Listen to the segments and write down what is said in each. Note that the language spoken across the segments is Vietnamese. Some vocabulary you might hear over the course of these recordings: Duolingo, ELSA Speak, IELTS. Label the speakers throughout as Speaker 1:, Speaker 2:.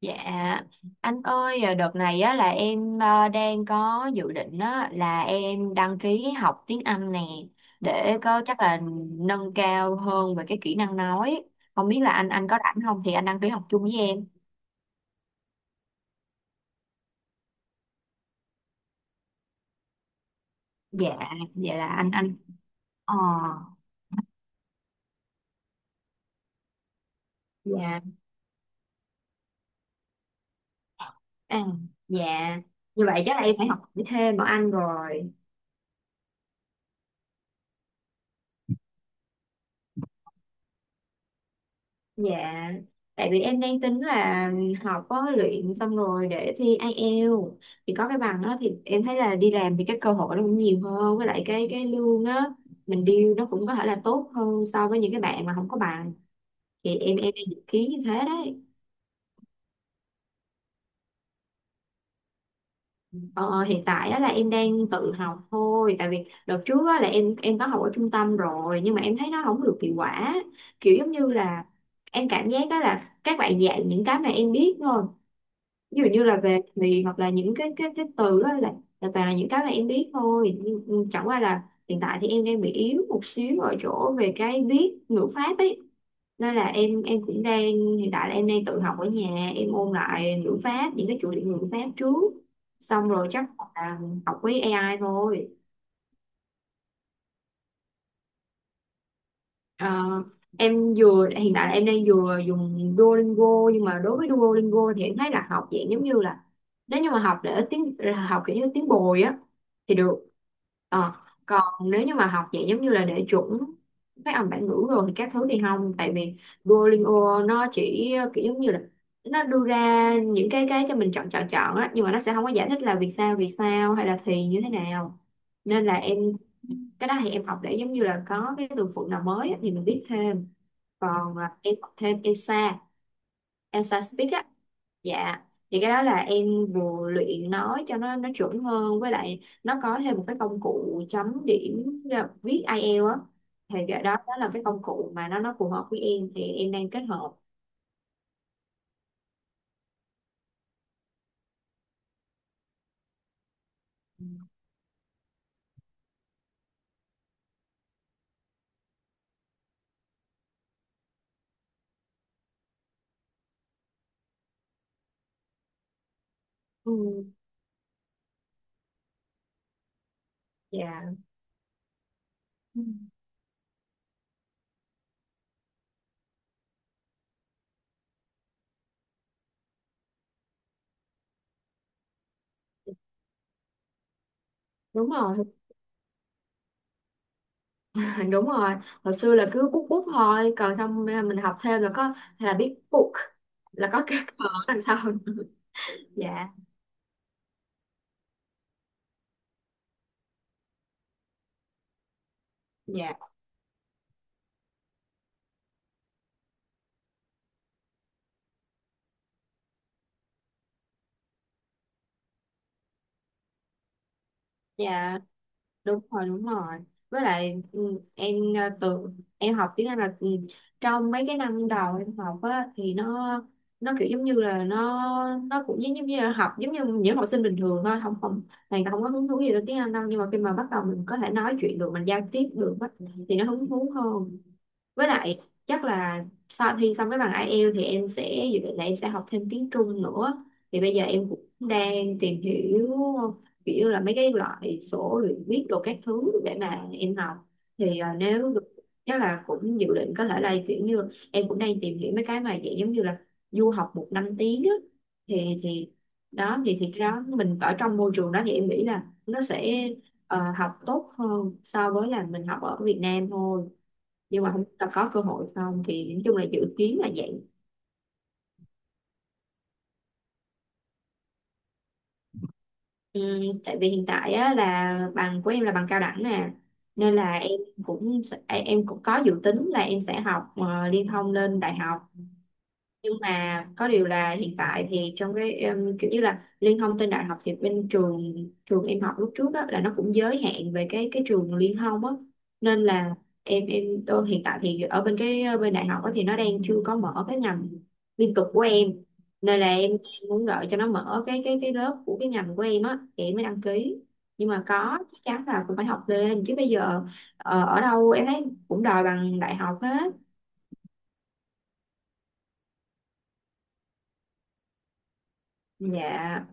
Speaker 1: Dạ, anh ơi, đợt này á, là em đang có dự định á, là em đăng ký học tiếng Anh nè để có chắc là nâng cao hơn về cái kỹ năng nói. Không biết là anh có rảnh không thì anh đăng ký học chung với em. Dạ, vậy là anh. Ờ, dạ, à, dạ. Như vậy chắc là em phải học thêm bọn anh rồi. Dạ, tại vì em đang tính là học có luyện xong rồi để thi IELTS thì có cái bằng đó thì em thấy là đi làm thì cái cơ hội nó cũng nhiều hơn, với lại cái lương á mình deal nó cũng có thể là tốt hơn so với những cái bạn mà không có bằng, thì em đang dự kiến như thế đấy. Ờ, Hiện tại á, là em đang tự học thôi, tại vì đợt trước á, là em có học ở trung tâm rồi nhưng mà em thấy nó không được hiệu quả, kiểu giống như là em cảm giác đó là các bạn dạy những cái mà em biết thôi, ví dụ như là về thì hoặc là những cái từ đó là toàn là những cái mà em biết thôi. Nhưng- chẳng qua là hiện tại thì em đang bị yếu một xíu ở chỗ về cái viết ngữ pháp ấy, nên là em cũng đang, hiện tại là em đang tự học ở nhà, em ôn lại ngữ pháp những cái chủ đề ngữ pháp trước, xong rồi chắc là học với AI thôi. Ờ, em vừa, hiện tại là em đang vừa dùng Duolingo, nhưng mà đối với Duolingo thì em thấy là học dạng giống như là, nếu như mà học để tiếng là học kiểu như tiếng bồi á thì được. Ờ, Còn nếu như mà học dạng giống như là để chuẩn phát âm bản ngữ rồi thì các thứ thì không, tại vì Duolingo nó chỉ kiểu giống như là nó đưa ra những cái cho mình chọn chọn chọn á, nhưng mà nó sẽ không có giải thích là vì sao, hay là thì như thế nào, nên là em, cái đó thì em học để giống như là có cái từ vựng nào mới á, thì mình biết thêm. Còn em học thêm ELSA, ELSA Speak á, dạ, thì cái đó là em vừa luyện nói cho nó chuẩn hơn, với lại nó có thêm một cái công cụ chấm điểm viết IELTS á, thì cái đó đó là cái công cụ mà nó phù hợp với em, thì em đang kết hợp. Ừ, dạ. Ừ. Đúng rồi. Đúng rồi, hồi xưa là cứ bút bút thôi, còn xong mình học thêm là có hay là biết book là có cái cờ đằng sau. Dạ. Dạ. Dạ, đúng rồi, đúng rồi, với lại ừ, em ờ, tự em học tiếng Anh là trong mấy cái năm đầu em học á thì nó kiểu giống như là nó cũng giống giống như là học giống như những học sinh bình thường thôi, không không này, không có hứng thú gì tới tiếng Anh đâu, nhưng mà khi mà bắt đầu mình có thể nói chuyện được, mình giao tiếp được á, thì nó hứng thú hơn. Với lại chắc là sau khi xong cái bằng IELTS thì em sẽ dự định là em sẽ học thêm tiếng Trung nữa, thì bây giờ em cũng đang tìm hiểu kiểu như là mấy cái loại sổ luyện viết đồ các thứ để mà em học, thì nếu được chắc là cũng dự định có thể là kiểu như, em cũng đang tìm hiểu mấy cái mà dạng giống như là du học một năm tiếng á thì đó thì cái đó mình ở trong môi trường đó thì em nghĩ là nó sẽ học tốt hơn so với là mình học ở Việt Nam thôi, nhưng mà không biết là có cơ hội không, thì nói chung là dự kiến là vậy. Ừ, tại vì hiện tại á, là bằng của em là bằng cao đẳng nè, nên là em cũng sẽ- em cũng có dự tính là em sẽ học liên thông lên đại học, nhưng mà có điều là hiện tại thì trong cái em, kiểu như là liên thông trên đại học thì bên trường, em học lúc trước á, là nó cũng giới hạn về cái trường liên thông á, nên là em tôi hiện tại thì ở bên cái bên đại học á, thì nó đang chưa có mở cái ngành liên tục của em, nên là em muốn đợi cho nó mở cái cái lớp của cái ngành của em á thì em mới đăng ký, nhưng mà có chắc chắn là cũng phải học lên chứ bây giờ ở đâu em thấy cũng đòi bằng đại học hết. Dạ,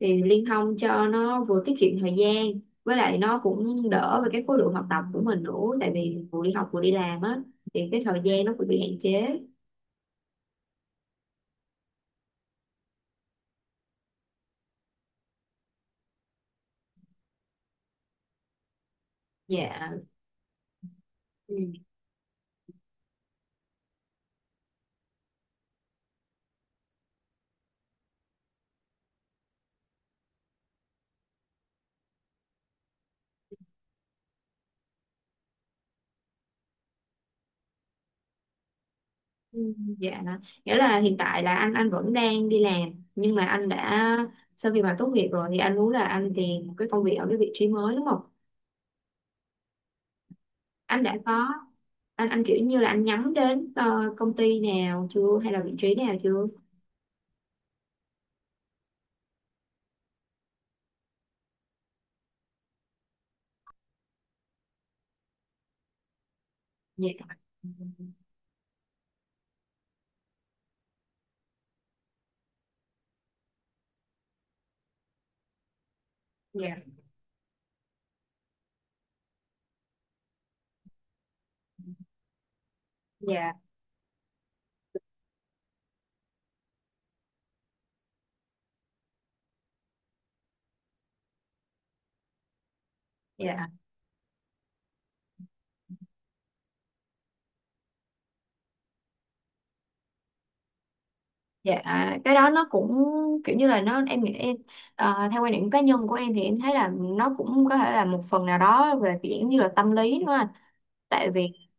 Speaker 1: thì liên thông cho nó vừa tiết kiệm thời gian, với lại nó cũng đỡ về cái khối lượng học tập của mình nữa, tại vì vừa đi học vừa đi làm á thì cái thời gian nó cũng bị hạn chế. Dạ. Ừ. Ừ, dạ, nghĩa là hiện tại là anh vẫn đang đi làm, nhưng mà anh đã, sau khi mà tốt nghiệp rồi thì anh muốn là anh tìm một cái công việc ở cái vị trí mới, đúng không? Anh đã có, anh kiểu như là anh nhắm đến công ty nào chưa hay là vị trí nào chưa? Dạ. Ừ. Dạ. Dạ. Dạ. Dạ, cái đó nó cũng kiểu như là nó, em nghĩ em theo quan điểm cá nhân của em thì em thấy là nó cũng có thể là một phần nào đó về kiểu như là tâm lý, đúng không anh? Tại vì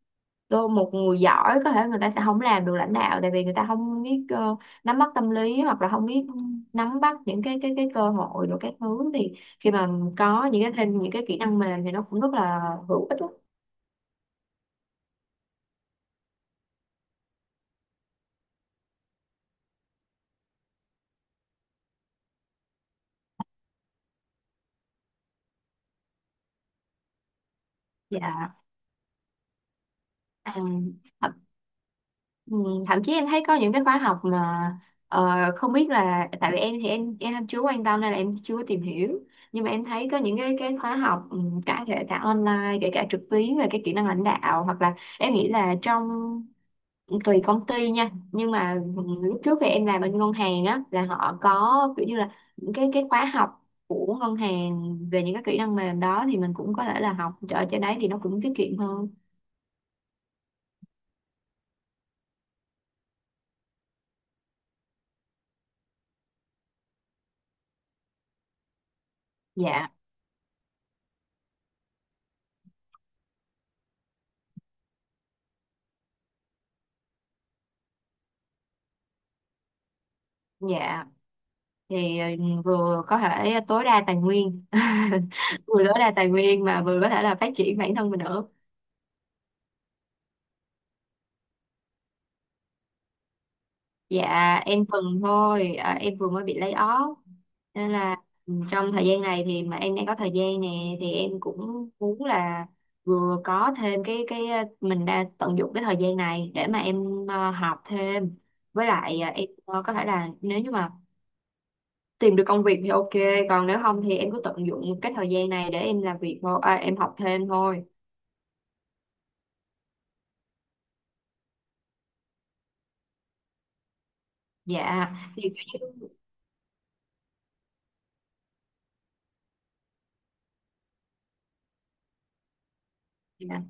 Speaker 1: đôi một người giỏi có thể người ta sẽ không làm được lãnh đạo, tại vì người ta không biết nắm bắt tâm lý hoặc là không biết nắm bắt những cái cơ hội rồi các thứ, thì khi mà có những cái thêm những cái kỹ năng mềm thì nó cũng rất là hữu ích đó. Dạ. À. Ừ, thậm chí em thấy có những cái khóa học mà ờ, không biết là, tại vì em thì em chưa quan tâm nên là em chưa tìm hiểu, nhưng mà em thấy có những cái khóa học ừ, cả kể cả online kể cả trực tuyến về cái kỹ năng lãnh đạo, hoặc là em nghĩ là trong ừ, tùy công ty nha, nhưng mà lúc trước thì em làm bên ngân hàng á là họ có kiểu như là những cái khóa học của ngân hàng về những cái kỹ năng mềm đó, thì mình cũng có thể là học ở trên đấy thì nó cũng tiết kiệm hơn. Dạ. Dạ, thì vừa có thể tối đa tài nguyên, vừa tối đa tài nguyên mà vừa có thể là phát triển bản thân mình nữa. Dạ, em từng thôi, em vừa mới bị lay off. Nên là trong thời gian này thì mà em đang có thời gian nè, thì em cũng muốn là vừa có thêm cái mình đã tận dụng cái thời gian này để mà em học thêm, với lại em có thể là nếu như mà tìm được công việc thì ok, còn nếu không thì em cứ tận dụng cái thời gian này để em làm việc thôi, em học thêm thôi. Dạ, thì, dạ.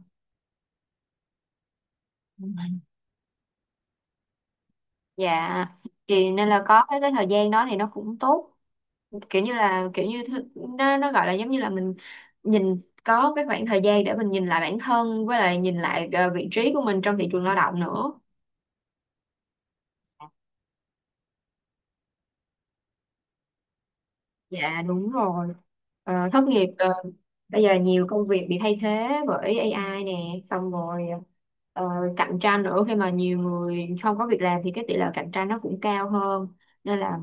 Speaker 1: Dạ. Thì nên là có cái thời gian đó thì nó cũng tốt, kiểu như là kiểu như thứ- nó gọi là giống như là mình nhìn, có cái khoảng thời gian để mình nhìn lại bản thân, với lại nhìn lại vị trí của mình trong thị trường lao động nữa. Dạ, đúng rồi. Thất nghiệp, bây giờ nhiều công việc bị thay thế bởi AI nè, xong rồi ờ, cạnh tranh nữa, khi mà nhiều người không có việc làm thì cái tỷ lệ cạnh tranh nó cũng cao hơn. Nên là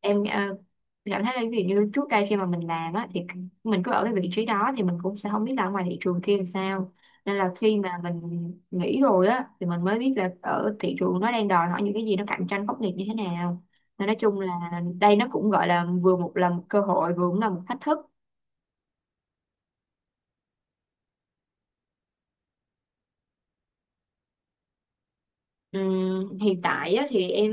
Speaker 1: em cảm thấy là, ví dụ như trước đây khi mà mình làm á thì mình cứ ở cái vị trí đó thì mình cũng sẽ không biết là ở ngoài thị trường kia làm sao. Nên là khi mà mình nghỉ rồi á thì mình mới biết là ở thị trường nó đang đòi hỏi những cái gì, nó cạnh tranh khốc liệt như thế nào. Nên nói chung là đây nó cũng gọi là vừa một là một cơ hội vừa cũng là một thách thức. Hiện tại á, thì em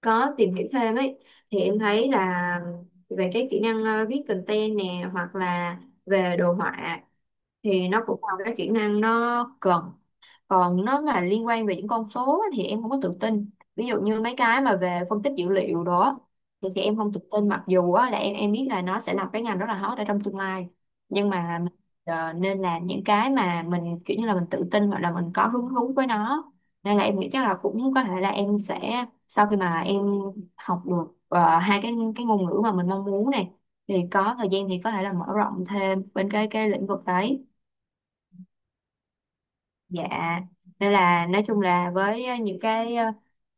Speaker 1: có tìm hiểu thêm ấy, thì em thấy là về cái kỹ năng viết content nè hoặc là về đồ họa thì nó cũng là cái kỹ năng nó cần, còn nó mà liên quan về những con số á, thì em không có tự tin, ví dụ như mấy cái mà về phân tích dữ liệu đó, thì em không tự tin, mặc dù á, là em biết là nó sẽ là cái ngành rất là hot ở trong tương lai, nhưng mà mình, nên làm những cái mà mình kiểu như là mình tự tin hoặc là mình có hứng thú với nó, nên là em nghĩ chắc là cũng có thể là em sẽ, sau khi mà em học được hai cái ngôn ngữ mà mình mong muốn này, thì có thời gian thì có thể là mở rộng thêm bên cái lĩnh vực đấy. Dạ, nên là nói chung là với những cái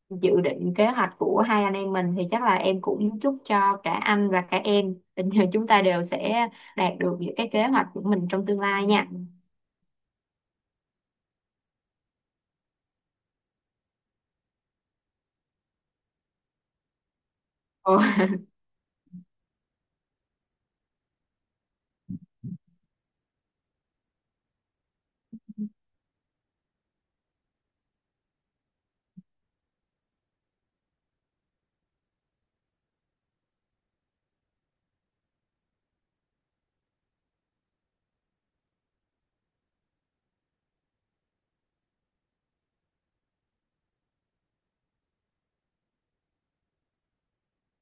Speaker 1: dự định kế hoạch của hai anh em mình, thì chắc là em cũng chúc cho cả anh và cả em tình chúng ta đều sẽ đạt được những cái kế hoạch của mình trong tương lai nha. Ồ,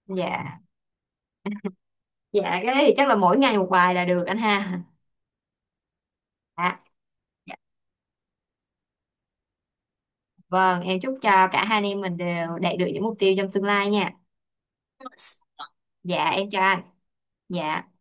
Speaker 1: dạ. Dạ, cái đấy thì chắc là mỗi ngày một bài là được anh ha. Dạ. Dạ. Vâng, em chúc cho cả hai anh em mình đều đạt được những mục tiêu trong tương lai nha. Dạ, em chào anh. Dạ.